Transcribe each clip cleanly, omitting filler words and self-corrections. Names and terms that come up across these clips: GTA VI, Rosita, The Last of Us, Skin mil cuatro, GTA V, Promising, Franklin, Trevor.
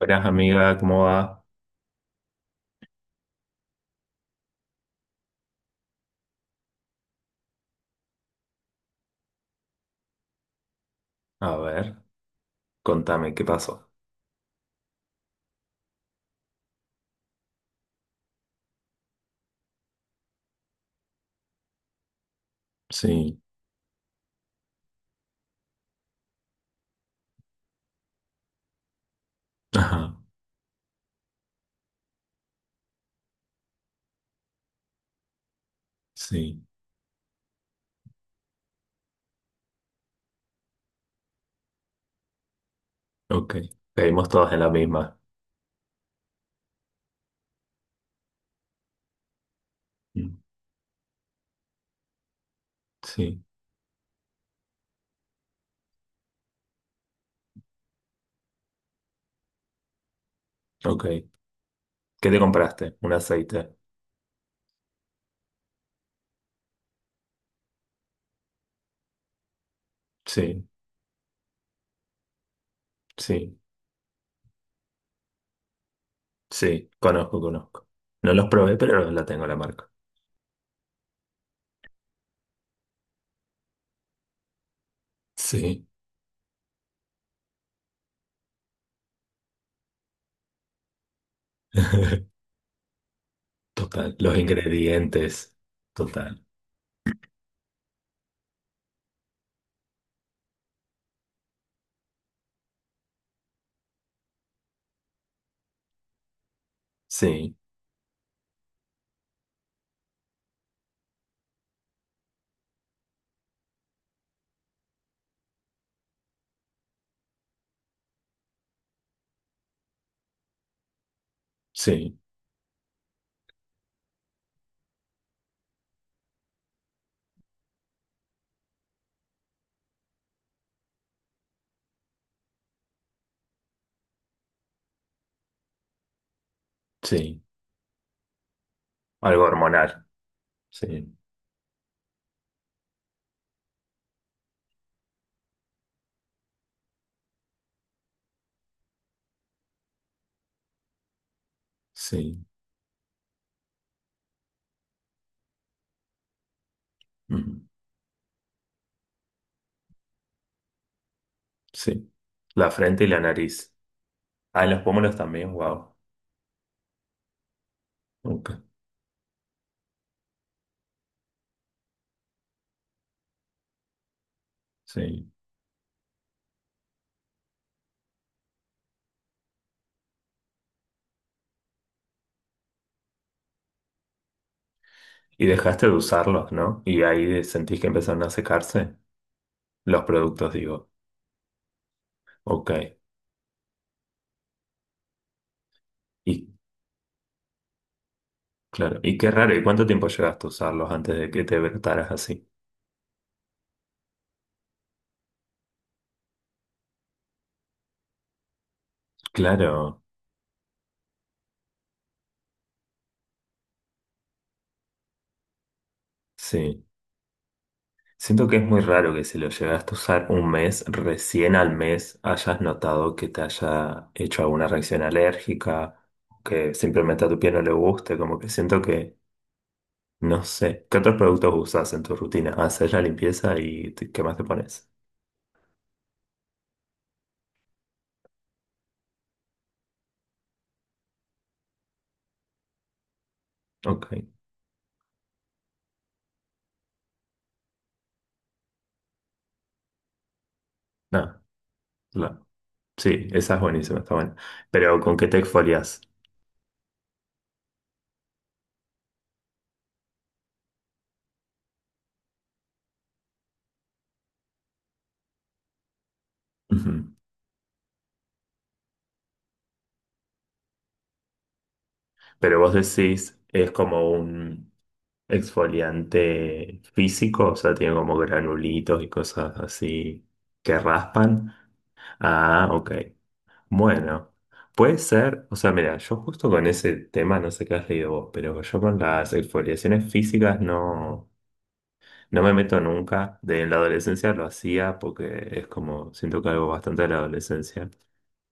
Buenas amiga, ¿cómo va? A ver, contame, ¿qué pasó? Sí, ajá, sí, ok. Caímos todos en la misma. Mm, sí, ok. ¿Qué te compraste? Un aceite. Sí, sí, sí, conozco, conozco. No los probé, pero la tengo la marca. Sí, total. Los ingredientes, total. Sí, sí, sí. Algo hormonal. Sí, sí, mm, sí. La frente y la nariz. Ah, en los pómulos también, wow. Ok, sí. Y dejaste de usarlos, ¿no? Y ahí sentís que empezaron a secarse los productos, digo. Ok. Y claro, y qué raro, ¿y cuánto tiempo llegaste a usarlos antes de que te brotaras así? Claro, sí. Siento que es muy raro que si lo llegaste a usar un mes, recién al mes hayas notado que te haya hecho alguna reacción alérgica, que simplemente a tu piel no le guste, como que siento que, no sé, ¿qué otros productos usas en tu rutina? ¿Haces la limpieza y qué más te pones? Ok. No, la sí, esa es buenísima, está buena. Pero ¿con qué te exfolias? Ujú. Pero vos decís, es como un exfoliante físico, o sea, tiene como granulitos y cosas así que raspan. Ah, ok. Bueno, puede ser, o sea, mira, yo justo con ese tema, no sé qué has leído vos, pero yo con las exfoliaciones físicas no, no me meto nunca. De en la adolescencia lo hacía porque es como, siento que algo bastante de la adolescencia.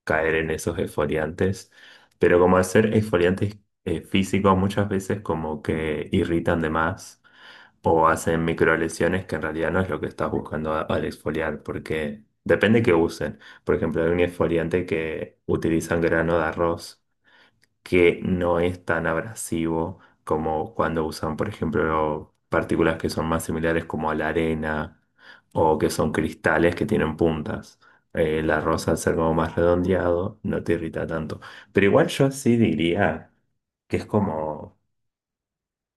Caer en esos exfoliantes, pero como hacer exfoliantes físicos muchas veces como que irritan de más o hacen microlesiones que en realidad no es lo que estás buscando al exfoliar, porque depende que usen. Por ejemplo, hay un exfoliante que utilizan grano de arroz que no es tan abrasivo como cuando usan, por ejemplo, partículas que son más similares como a la arena o que son cristales que tienen puntas. La rosa al ser como más redondeado no te irrita tanto. Pero igual yo sí diría que es como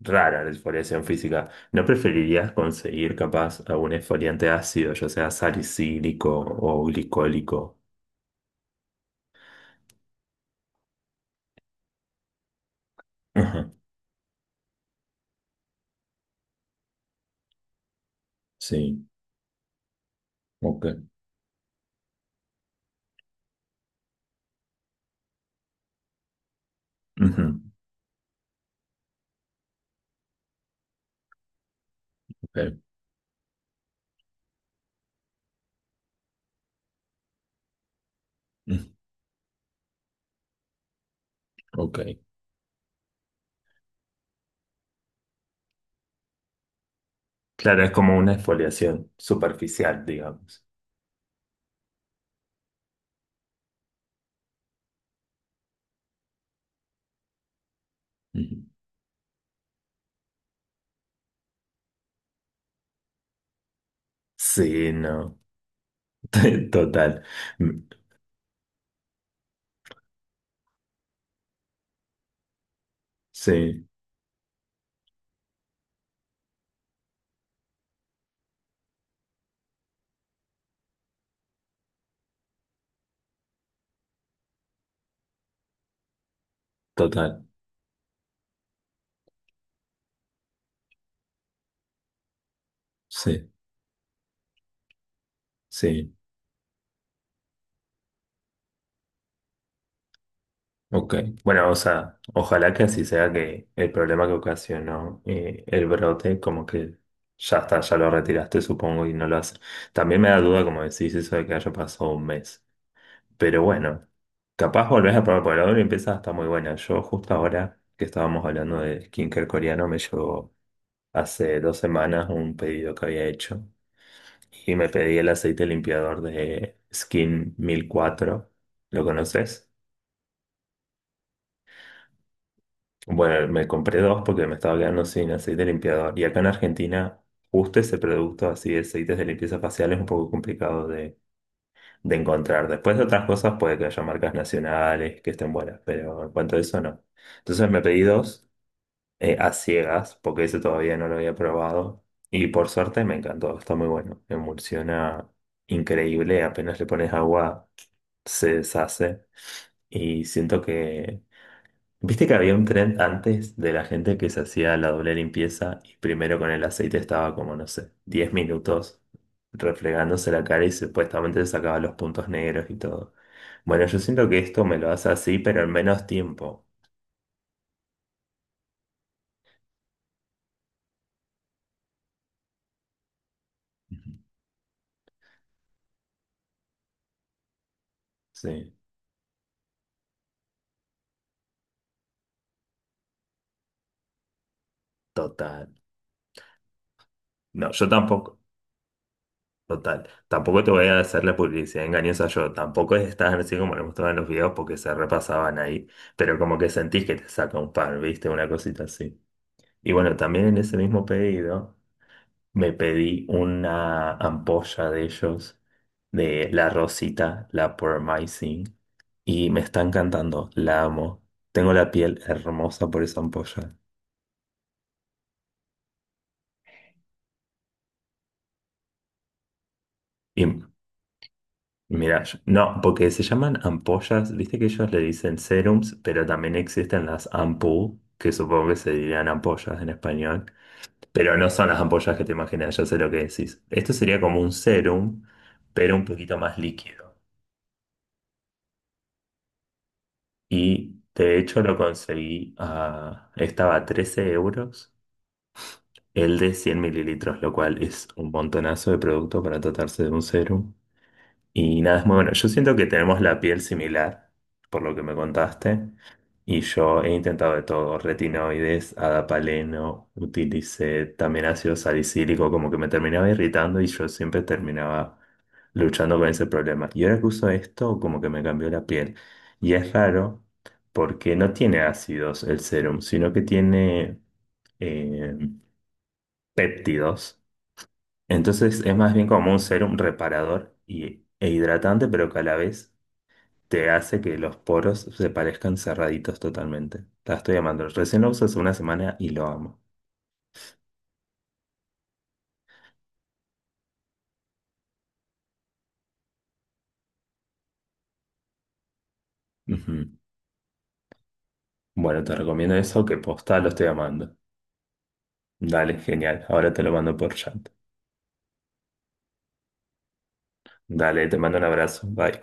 rara la exfoliación física. ¿No preferirías conseguir capaz algún exfoliante ácido, ya sea salicílico o glicólico? Ajá, sí, ok. Ujú, ok, mm, ok. Claro, es como una exfoliación superficial, digamos. Ujú. Sí, no. Total. Mm, sí, total. Sí, sí. Ok, bueno, o sea, ojalá que así sea que el problema que ocasionó el brote, como que ya está, ya lo retiraste, supongo, y no lo hace. También me da duda, como decís, eso de que haya pasado un mes. Pero bueno, capaz volvés a probar, por ahora y empieza está muy buena. Yo justo ahora que estábamos hablando de skincare coreano, me llegó hace 2 semanas un pedido que había hecho y me pedí el aceite limpiador de Skin mil cuatro. ¿Lo conoces? Bueno, me compré dos porque me estaba quedando sin aceite limpiador. Y acá en Argentina, justo ese producto así de aceites de limpieza facial es un poco complicado de, encontrar. Después de otras cosas puede que haya marcas nacionales que estén buenas, pero en cuanto a eso no. Entonces me pedí dos a ciegas porque ese todavía no lo había probado. Y por suerte me encantó, está muy bueno. Emulsiona increíble, apenas le pones agua se deshace. Y siento que viste que había un trend antes de la gente que se hacía la doble limpieza y primero con el aceite estaba como, no sé, 10 minutos refregándose la cara y supuestamente se sacaba los puntos negros y todo. Bueno, yo siento que esto me lo hace así, pero en menos tiempo. Ujú. Sí, total. No, yo tampoco, total. Tampoco te voy a hacer la publicidad engañosa yo. Tampoco estás así como lo mostraban en los videos porque se repasaban ahí. Pero como que sentís que te saca un par, ¿viste? Una cosita así. Y bueno, también en ese mismo pedido. Me pedí una ampolla de ellos, de la Rosita, la Promising, y me está encantando, la amo. Tengo la piel hermosa por esa ampolla. Y mira, no, porque se llaman ampollas, viste que ellos le dicen serums, pero también existen las ampú, que supongo que se dirían ampollas en español, pero no son las ampollas que te imaginas, yo sé lo que decís. Esto sería como un serum, pero un poquito más líquido. Y de hecho lo conseguí a. Estaba a 13 euros el de 100 mililitros, lo cual es un montonazo de producto para tratarse de un serum y nada, es muy bueno. Yo siento que tenemos la piel similar, por lo que me contaste. Y yo he intentado de todo, retinoides, adapaleno, utilicé también ácido salicílico, como que me terminaba irritando y yo siempre terminaba luchando con ese problema. Y ahora que uso esto, como que me cambió la piel. Y es raro porque no tiene ácidos el serum, sino que tiene eh, péptidos. Entonces es más bien como un serum reparador y, e hidratante, pero que a la vez te hace que los poros se parezcan cerraditos totalmente. La estoy amando. Recién lo uso hace una semana y lo amo. Ujú. Bueno, te recomiendo eso, que posta lo estoy amando. Dale, genial. Ahora te lo mando por chat. Dale, te mando un abrazo. Bye.